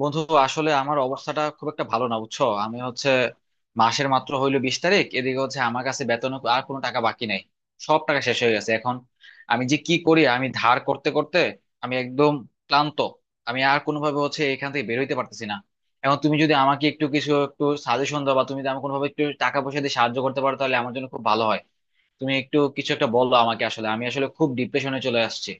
বন্ধু, আসলে আমার অবস্থাটা খুব একটা ভালো না, বুঝছো। আমি হচ্ছে মাসের মাত্র হইলো 20 তারিখ, এদিকে হচ্ছে আমার কাছে বেতন আর কোনো টাকা বাকি নাই। সব টাকা শেষ হয়ে গেছে এখন। আমি যে কি করি, আমি ধার করতে করতে আমি একদম ক্লান্ত। আমি আর কোনোভাবে হচ্ছে এখান থেকে বের হইতে পারতেছি না। এখন তুমি যদি আমাকে একটু কিছু একটু সাজেশন দাও, বা তুমি যদি আমাকে কোনোভাবে একটু টাকা পয়সা দিয়ে সাহায্য করতে পারো, তাহলে আমার জন্য খুব ভালো হয়। তুমি একটু কিছু একটা বলো আমাকে, আসলে আমি আসলে খুব ডিপ্রেশনে চলে আসছি।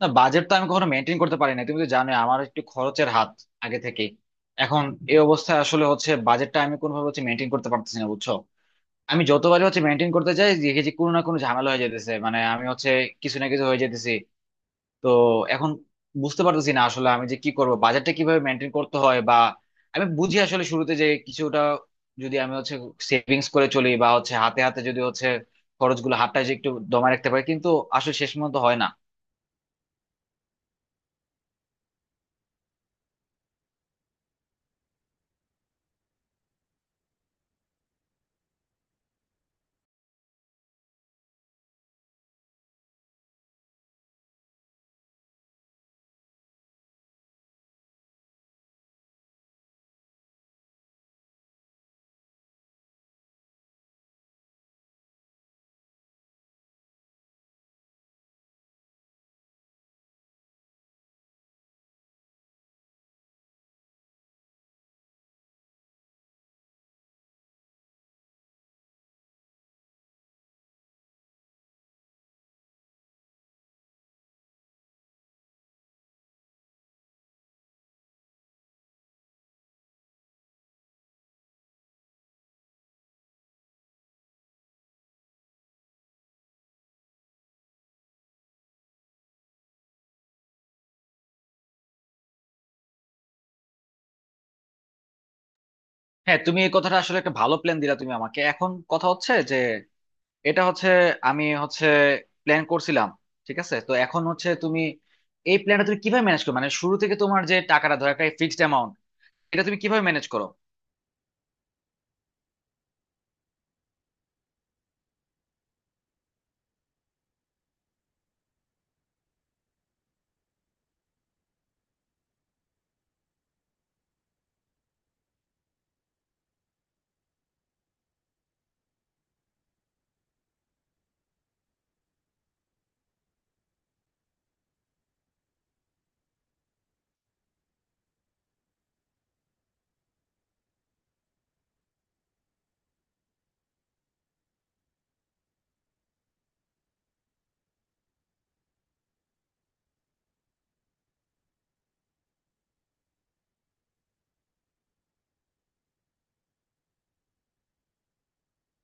না, বাজেট তো আমি কখনো মেনটেন করতে পারি না, তুমি তো জানোই আমার একটু খরচের হাত আগে থেকে। এখন এই অবস্থায় আসলে হচ্ছে বাজেটটা আমি কোনোভাবে হচ্ছে মেনটেন করতে পারতেছি না, বুঝছো। আমি যতবারই হচ্ছে মেনটেন করতে চাই, দেখি যে কোনো না কোনো ঝামেলা হয়ে যেতেছে, মানে আমি হচ্ছে কিছু না কিছু হয়ে যেতেছি। তো এখন বুঝতে পারতেছি না আসলে আমি যে কি করব, বাজেটটা কিভাবে মেনটেন করতে হয়, বা আমি বুঝি আসলে শুরুতে যে কিছুটা যদি আমি হচ্ছে সেভিংস করে চলি, বা হচ্ছে হাতে হাতে যদি হচ্ছে খরচগুলো হাতটা যে একটু দমায় রাখতে পারি, কিন্তু আসলে শেষ পর্যন্ত হয় না। হ্যাঁ, তুমি এই কথাটা আসলে একটা ভালো প্ল্যান দিলা তুমি আমাকে। এখন কথা হচ্ছে যে এটা হচ্ছে আমি হচ্ছে প্ল্যান করছিলাম। ঠিক আছে, তো এখন হচ্ছে তুমি এই প্ল্যানটা তুমি কিভাবে ম্যানেজ করো, মানে শুরু থেকে তোমার যে টাকাটা, ধরো একটা ফিক্সড অ্যামাউন্ট, এটা তুমি কিভাবে ম্যানেজ করো?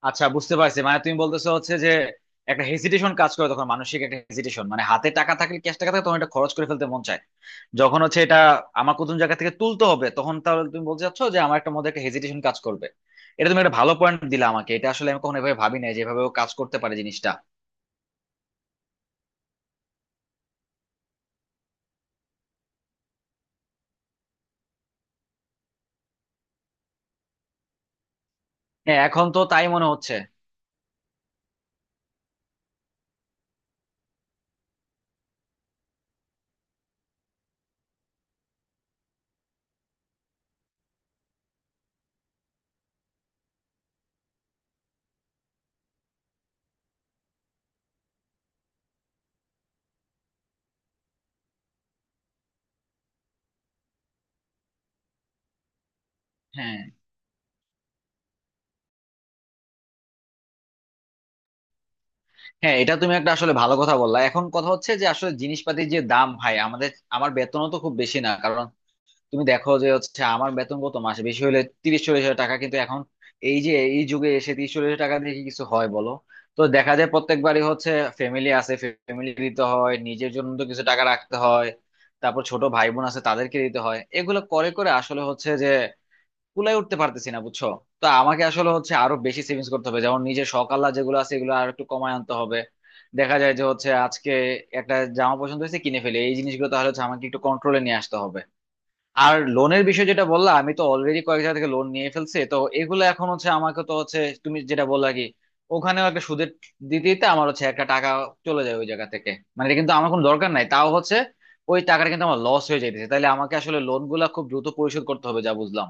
আচ্ছা, বুঝতে পারছি, মানে তুমি বলতেছো হচ্ছে যে একটা হেজিটেশন কাজ করে তখন, মানসিক একটা হেজিটেশন, মানে হাতে টাকা থাকলে, ক্যাশ টাকা থাকলে তখন এটা খরচ করে ফেলতে মন চায়। যখন হচ্ছে এটা আমার কোন জায়গা থেকে তুলতে হবে তখন, তাহলে তুমি বলতে চাচ্ছ যে আমার একটা মধ্যে একটা হেজিটেশন কাজ করবে। এটা তুমি একটা ভালো পয়েন্ট দিলা আমাকে, এটা আসলে আমি কখনো এভাবে ভাবি নাই যেভাবে ও কাজ করতে পারে জিনিসটা। হ্যাঁ, এখন তো তাই মনে হচ্ছে। হ্যাঁ হ্যাঁ এটা তুমি একটা আসলে ভালো কথা বললা। এখন কথা হচ্ছে যে আসলে জিনিসপাতির যে দাম ভাই আমাদের, আমার বেতনও তো খুব বেশি না, কারণ তুমি দেখো যে হচ্ছে আমার বেতন কত মাসে? বেশি হলে 30-40 হাজার টাকা। কিন্তু এখন এই যে এই যুগে এসে 30-40 হাজার টাকা দিয়ে কি কিছু হয় বলো? তো দেখা যায় প্রত্যেকবারই হচ্ছে ফ্যামিলি আছে, ফ্যামিলি দিতে হয়, নিজের জন্য তো কিছু টাকা রাখতে হয়, তারপর ছোট ভাই বোন আছে তাদেরকে দিতে হয়, এগুলো করে করে আসলে হচ্ছে যে কুলায় উঠতে পারতেছি না, বুঝছো। তো আমাকে আসলে হচ্ছে আরো বেশি সেভিংস করতে হবে, যেমন নিজের শখ আহ্লাদ যেগুলো আছে এগুলো আর একটু কমায় আনতে হবে। দেখা যায় যে হচ্ছে আজকে একটা জামা পছন্দ হয়েছে কিনে ফেলে, এই জিনিসগুলো তাহলে হচ্ছে আমাকে একটু কন্ট্রোলে নিয়ে আসতে হবে। আর লোনের বিষয় যেটা বললা, আমি তো অলরেডি কয়েক জায়গা থেকে লোন নিয়ে ফেলছি, তো এগুলো এখন হচ্ছে আমাকে তো হচ্ছে তুমি যেটা বললা কি, ওখানেও একটা সুদের দিতে দিতে আমার হচ্ছে একটা টাকা চলে যায় ওই জায়গা থেকে। মানে এটা কিন্তু আমার কোনো দরকার নাই, তাও হচ্ছে ওই টাকাটা কিন্তু আমার লস হয়ে যাইতেছে। তাহলে আমাকে আসলে লোন গুলা খুব দ্রুত পরিশোধ করতে হবে, যা বুঝলাম।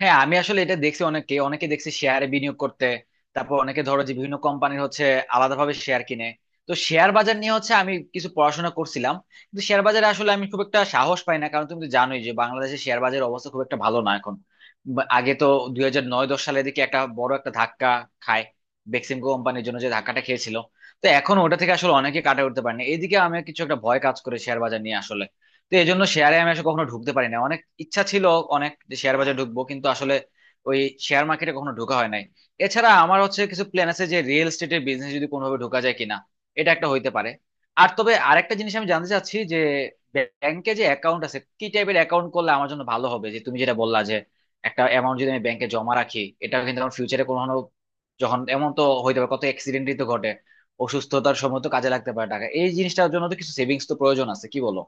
হ্যাঁ, আমি আসলে এটা দেখছি অনেকে অনেকে দেখছি শেয়ারে বিনিয়োগ করতে, তারপর অনেকে ধরো যে বিভিন্ন কোম্পানির হচ্ছে আলাদাভাবে শেয়ার কিনে। তো শেয়ার বাজার নিয়ে হচ্ছে আমি কিছু পড়াশোনা করছিলাম, কিন্তু শেয়ার বাজারে আসলে আমি খুব একটা সাহস পাই না, কারণ তুমি তো জানোই যে বাংলাদেশের শেয়ার বাজারের অবস্থা খুব একটা ভালো না এখন। আগে তো 2009-10 সালের দিকে একটা বড় একটা ধাক্কা খায়, বেক্সিমকো কোম্পানির জন্য যে ধাক্কাটা খেয়েছিল। তো এখন ওটা থেকে আসলে অনেকে কাটা উঠতে পারেনি, এইদিকে আমি কিছু একটা ভয় কাজ করে শেয়ার বাজার নিয়ে আসলে। তো এই জন্য শেয়ারে আমি আসলে কখনো ঢুকতে পারি না, অনেক ইচ্ছা ছিল অনেক যে শেয়ার বাজারে ঢুকবো, কিন্তু আসলে ওই শেয়ার মার্কেটে কখনো ঢোকা হয় নাই। এছাড়া আমার হচ্ছে কিছু প্ল্যান আছে যে রিয়েল এস্টেটের বিজনেস যদি কোনোভাবে ঢোকা যায় কিনা, এটা একটা হইতে পারে। আর তবে আরেকটা জিনিস আমি জানতে চাচ্ছি যে ব্যাংকে যে অ্যাকাউন্ট আছে কি টাইপের অ্যাকাউন্ট করলে আমার জন্য ভালো হবে, যে তুমি যেটা বললা যে একটা অ্যামাউন্ট যদি আমি ব্যাংকে জমা রাখি এটা কিন্তু আমার ফিউচারে কোনো, যখন এমন তো হইতে পারে, কত অ্যাক্সিডেন্টই তো ঘটে, অসুস্থতার সময় তো কাজে লাগতে পারে টাকা, এই জিনিসটার জন্য তো কিছু সেভিংস তো প্রয়োজন আছে, কি বলো?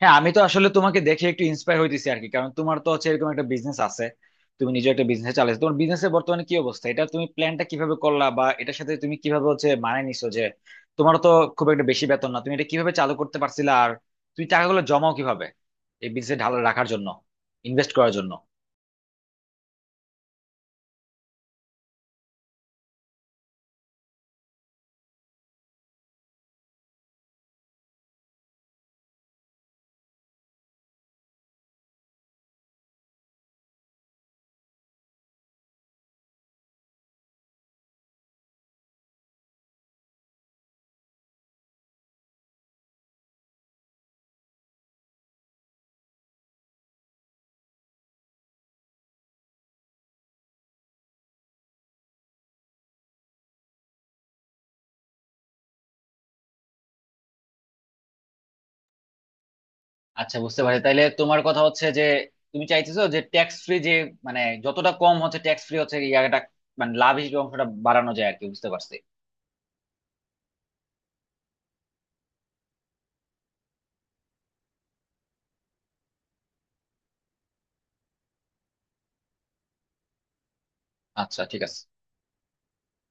হ্যাঁ, আমি তো আসলে তোমাকে দেখে একটু ইন্সপায়ার হইতেছি আর কি, কারণ তোমার তো হচ্ছে এরকম একটা বিজনেস আছে, তুমি নিজে একটা বিজনেস চালাইছো। তোমার বিজনেসের বর্তমানে কি অবস্থা, এটা তুমি প্ল্যানটা কিভাবে করলা, বা এটার সাথে তুমি কিভাবে হচ্ছে মানায় নিছো, যে তোমার তো খুব একটা বেশি বেতন না, তুমি এটা কিভাবে চালু করতে পারছিলা? আর তুমি টাকাগুলো জমাও কিভাবে এই বিজনেসে ঢাল রাখার জন্য, ইনভেস্ট করার জন্য? আচ্ছা, বুঝতে পারছি, তাহলে তোমার কথা হচ্ছে যে তুমি চাইতেছো যে ট্যাক্স ফ্রি যে, মানে যতটা কম হচ্ছে ট্যাক্স ফ্রি হচ্ছে ইয়াটা, মানে লাভ হিসেবে অংশটা বাড়ানো যায় আর কি, বুঝতে পারছি। আচ্ছা, ঠিক আছে।